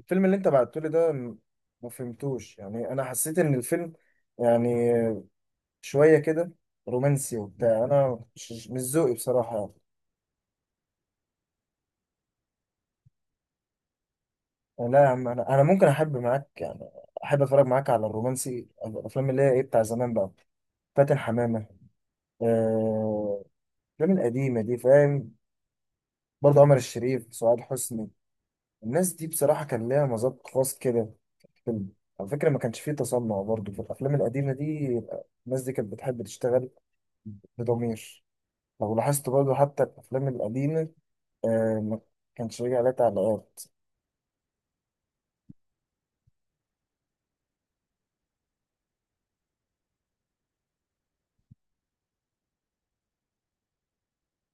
الفيلم اللي انت بعته لي ده ما فهمتوش. يعني انا حسيت ان الفيلم، يعني، شويه كده رومانسي وبتاع. انا مش ذوقي بصراحه، يعني. يعني لا يا عم، انا ممكن احب معاك، يعني احب اتفرج معاك على الرومانسي، الافلام اللي هي ايه بتاع زمان بقى، فاتن حمامه. آه، الافلام القديمه دي، فاهم؟ برضه عمر الشريف، سعاد حسني، الناس دي بصراحه كان ليها مذاق خاص كده في الفيلم. على فكره ما كانش فيه تصنع برضه في الافلام القديمه دي. الناس دي كانت بتحب تشتغل بضمير. لو لاحظت برضه حتى الأفلام القديمة، آه، ما كانش راجع عليها تعليقات.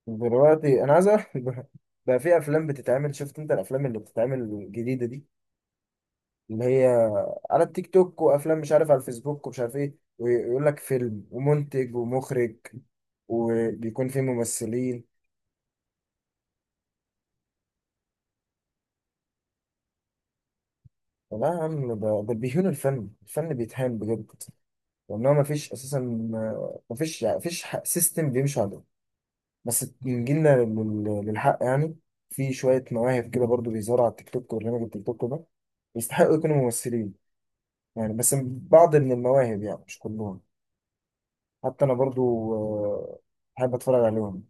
دلوقتي أنا عايز أعرف بقى في أفلام بتتعمل. شفت أنت الأفلام اللي بتتعمل الجديدة دي، اللي هي على التيك توك، وأفلام مش عارف على الفيسبوك، ومش عارف إيه، ويقول لك فيلم ومنتج ومخرج وبيكون فيه ممثلين. لا يا عم، ده بيهون الفن. الفن بيتهان بجد، لأن هو مفيش أساسا. آه، مفيش سيستم بيمشي عليه. بس نجيلنا للحق، يعني في شوية مواهب كده برضو بيظهروا على التيك توك. وبرنامج التيك توك ده يستحقوا يكونوا ممثلين، يعني بس بعض من المواهب، يعني مش كلهم. حتى أنا برضو، آه، بحب أتفرج عليهم.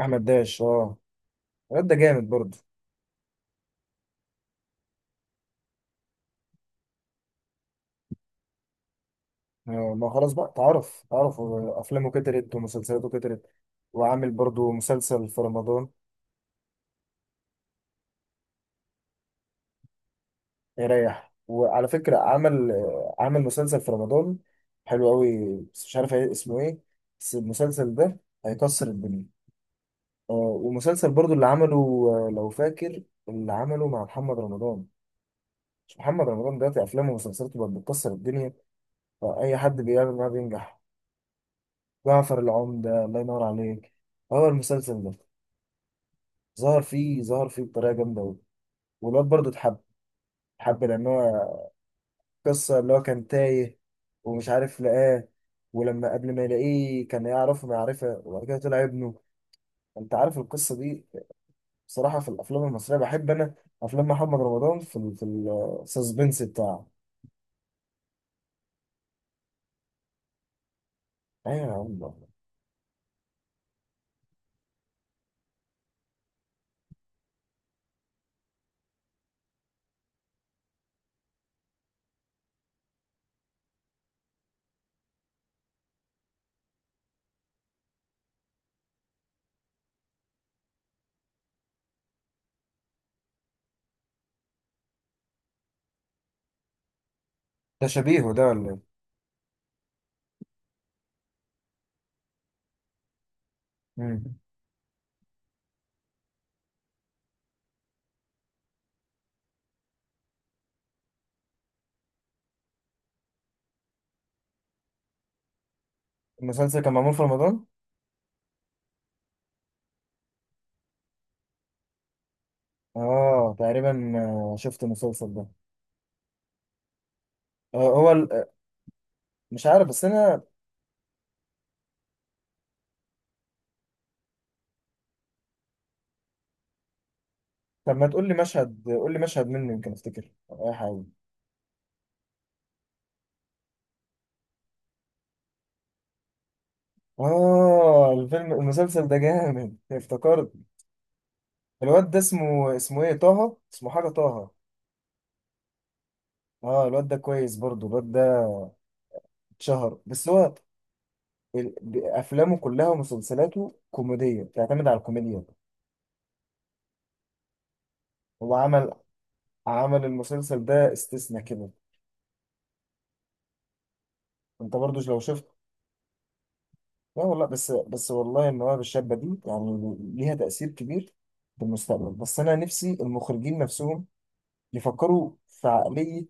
أحمد داش، أه، الواد ده جامد برضو. آه، ما خلاص بقى، تعرف، تعرف، آه، أفلامه كترت ومسلسلاته كترت، وعامل برضو مسلسل في رمضان. يريح. وعلى فكرة عمل مسلسل في رمضان حلو قوي، بس مش عارف إيه، اسمه ايه، بس المسلسل ده هيكسر الدنيا. آه، ومسلسل برضو اللي عمله، آه، لو فاكر، اللي عمله مع محمد رمضان. مش محمد رمضان دلوقتي افلامه ومسلسلاته بقت بتكسر الدنيا؟ فاي حد بيعمل معاه بينجح. جعفر العمدة، الله ينور عليك، هو المسلسل ده. ظهر فيه بطريقة جامدة قوي. والواد برضو اتحب. لان هو قصة اللي هو كان تايه، ومش عارف، لقاه. ولما قبل ما يلاقيه كان يعرفه معرفة، وبعد كده طلع ابنه. انت عارف القصة دي؟ بصراحة في الأفلام المصرية بحب أنا أفلام محمد رمضان في ال، في السسبنس بتاعه. أيوة يا عم، ده شبيهه ده ولا إيه؟ مم. المسلسل كان معمول في رمضان؟ آه تقريبا، آه، شفت المسلسل ده. آه، مش عارف، بس أنا. طب ما تقول لي مشهد، قول لي مشهد منه، يمكن أفتكر، أو أي حاجة. آه، الفيلم المسلسل ده جامد، افتكرت. الواد ده اسمه، اسمه ايه، طه، اسمه حاجة طه. اه، الواد ده كويس برضو. الواد ده اتشهر، بس هو افلامه كلها ومسلسلاته كوميدية، بتعتمد على الكوميديا. هو عمل المسلسل ده استثناء كده. انت برضو لو شفت، لا والله، بس والله المواهب الشابة دي يعني ليها تأثير كبير في المستقبل. بس انا نفسي المخرجين نفسهم يفكروا في عقلية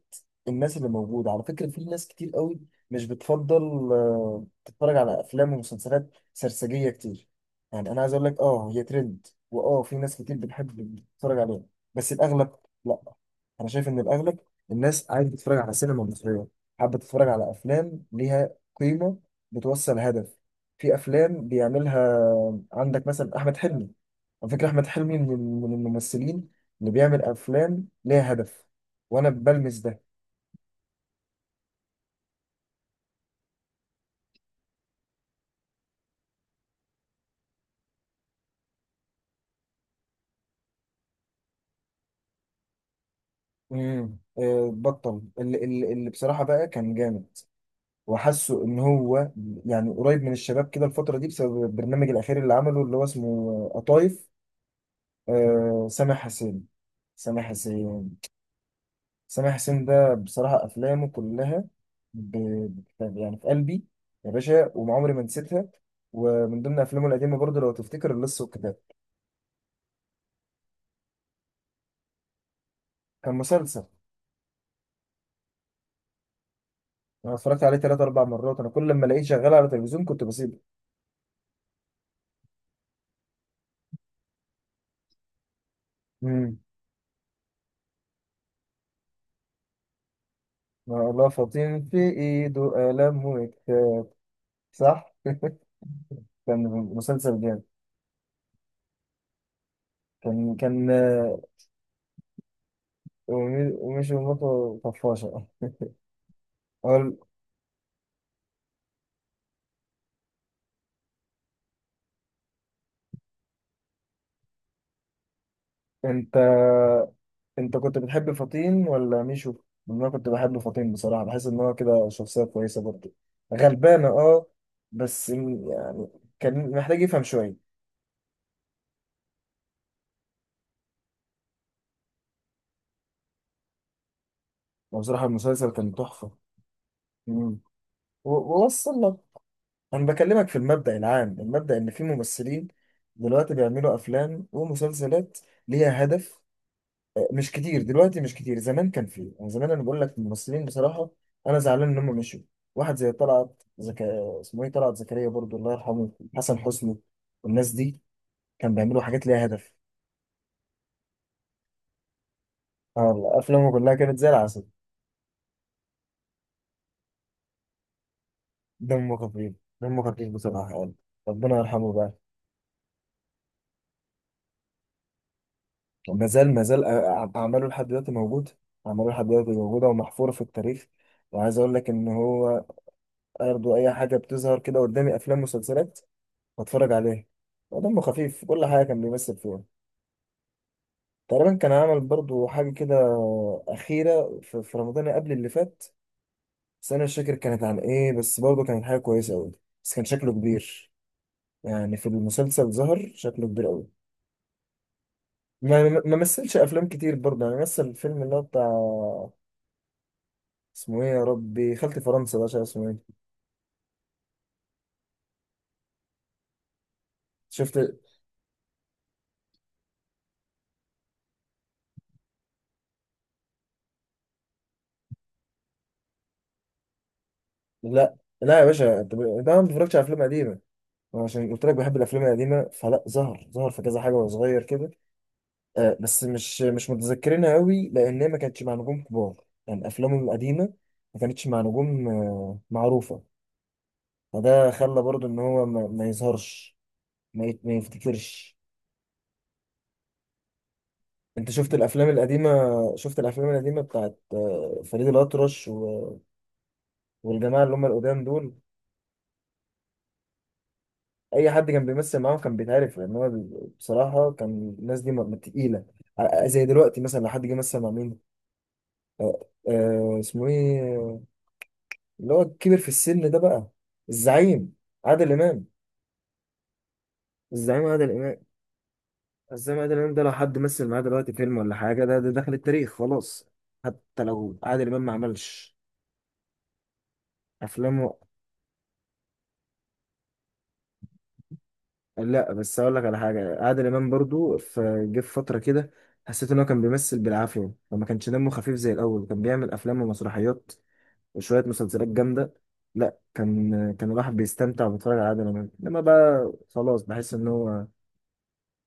الناس اللي موجودة. على فكرة في ناس كتير قوي مش بتفضل، آه، تتفرج على أفلام ومسلسلات سرسجية كتير. يعني أنا عايز أقول لك أه هي ترند، وأه في ناس كتير بتحب تتفرج عليها. بس الأغلب، لأ، أنا شايف إن الأغلب الناس عايزة تتفرج على سينما مصرية، حابة تتفرج على أفلام ليها قيمة، بتوصل هدف. في أفلام بيعملها عندك مثلا أحمد حلمي. على فكرة أحمد حلمي من الممثلين اللي بيعمل أفلام ليها هدف، وأنا بلمس ده. امم، آه، بطل اللي بصراحة بقى كان جامد. وحاسه إن هو يعني قريب من الشباب كده الفترة دي بسبب البرنامج الأخير اللي عمله، اللي هو اسمه قطايف، آه، سامح حسين. سامح حسين. سامح حسين ده بصراحة أفلامه كلها ب... يعني في قلبي يا باشا، وعمري ما نسيتها. ومن ضمن أفلامه القديمة برضه لو تفتكر، اللص والكتاب، كان مسلسل. انا اتفرجت عليه ثلاث اربع مرات، انا كل لما الاقيه شغال على التلفزيون كنت بسيبه. امم. الله، فطين في ايده قلم وكتاب، صح. كان مسلسل جامد. كان آه، ومي- ومشي ومطه طفاشه. قال، انت، كنت بتحب فطين ولا ميشو؟ لأن انا كنت بحب فطين بصراحه، بحس ان هو كده شخصيه كويسه برضه، غلبانه. اه، بس يعني كان محتاج يفهم شويه. بصراحه المسلسل كان تحفه. مم. و- ووصل لك. انا بكلمك في المبدأ العام، المبدأ ان في ممثلين دلوقتي بيعملوا افلام ومسلسلات ليها هدف، آه، مش كتير دلوقتي، مش كتير. زمان كان فيه، يعني زمان انا بقول لك الممثلين بصراحة انا زعلان ان هم مشوا. واحد زي طلعت اسمه ايه، طلعت زكريا برضو، الله يرحمه، حسن حسني، والناس دي كان بيعملوا حاجات ليها هدف. اه والله افلامه كلها كانت زي العسل. دمه خفيف، دمه خفيف بصراحة يعني، ربنا يرحمه بقى. ما زال أعماله لحد دلوقتي موجود. أعماله لحد دلوقتي موجودة ومحفورة في التاريخ. وعايز أقول لك إن هو برضه أي حاجة بتظهر كده قدامي، أفلام ومسلسلات، بتفرج عليها، ودمه خفيف في كل حاجة كان بيمثل فيها. تقريبا كان عمل برضه حاجة كده أخيرة في رمضان قبل اللي فات، بس أنا مش فاكر كانت عن إيه، بس برضه كانت حاجة كويسة أوي. بس كان شكله كبير، يعني في المسلسل ظهر شكله كبير أوي. ما مثلش أفلام كتير برضه، يعني مثل الفيلم اللي هو بتاع، اسمه ايه يا ربي، خالتي فرنسا ده، عشان اسمه ايه، شفت. لا لا يا باشا، انت ده انا ما بتفرجش على افلام قديمه. أنا عشان قلت لك بحب الافلام القديمه، فلا، ظهر في كذا حاجه وهو صغير كده، آه، بس مش متذكرينها قوي لان هي ما كانتش مع نجوم كبار، يعني افلامه القديمه ما كانتش مع نجوم آه معروفه. فده خلى برضو ان هو ما يظهرش. ما يفتكرش. انت شفت الافلام القديمه؟ شفت الافلام القديمه بتاعت آه، فريد الاطرش والجماعه اللي هم القدام دول. اي حد كان بيمثل معاهم كان بيتعرف. لان هو بصراحه كان الناس دي تقيله، زي دلوقتي مثلا لو حد جه مثل مع مين، آه اسمه ايه، اللي هو كبر في السن ده بقى، الزعيم عادل امام. الزعيم عادل امام. الزعيم عادل امام ده لو حد مثل معاه دلوقتي فيلم ولا حاجه، ده دخل التاريخ خلاص. حتى لو عادل امام ما عملش افلامه. لا بس اقول لك على حاجه، عادل امام برضو في فتره كده حسيت ان هو كان بيمثل بالعافيه وما كانش دمه خفيف زي الاول. كان بيعمل افلام ومسرحيات وشويه مسلسلات جامده. لا كان الواحد بيستمتع وبيتفرج على عادل امام، انما بقى خلاص بحس ان هو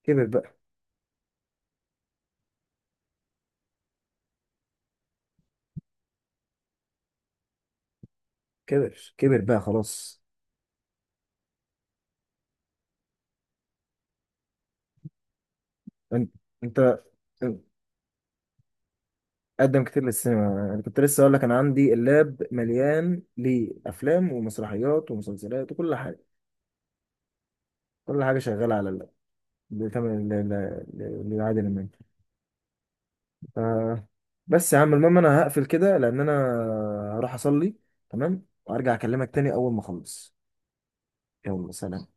كبر بقى. كبر كبر بقى خلاص. انت انت قدم كتير للسينما، انا كنت لسه اقول لك انا عندي اللاب مليان لافلام ومسرحيات ومسلسلات وكل حاجه. كل حاجه شغاله على اللاب بتعمل لعادل امام. ف... بس يا عم المهم انا هقفل كده لان انا هروح اصلي، تمام؟ وارجع اكلمك تاني اول ما اخلص. يلا، سلام.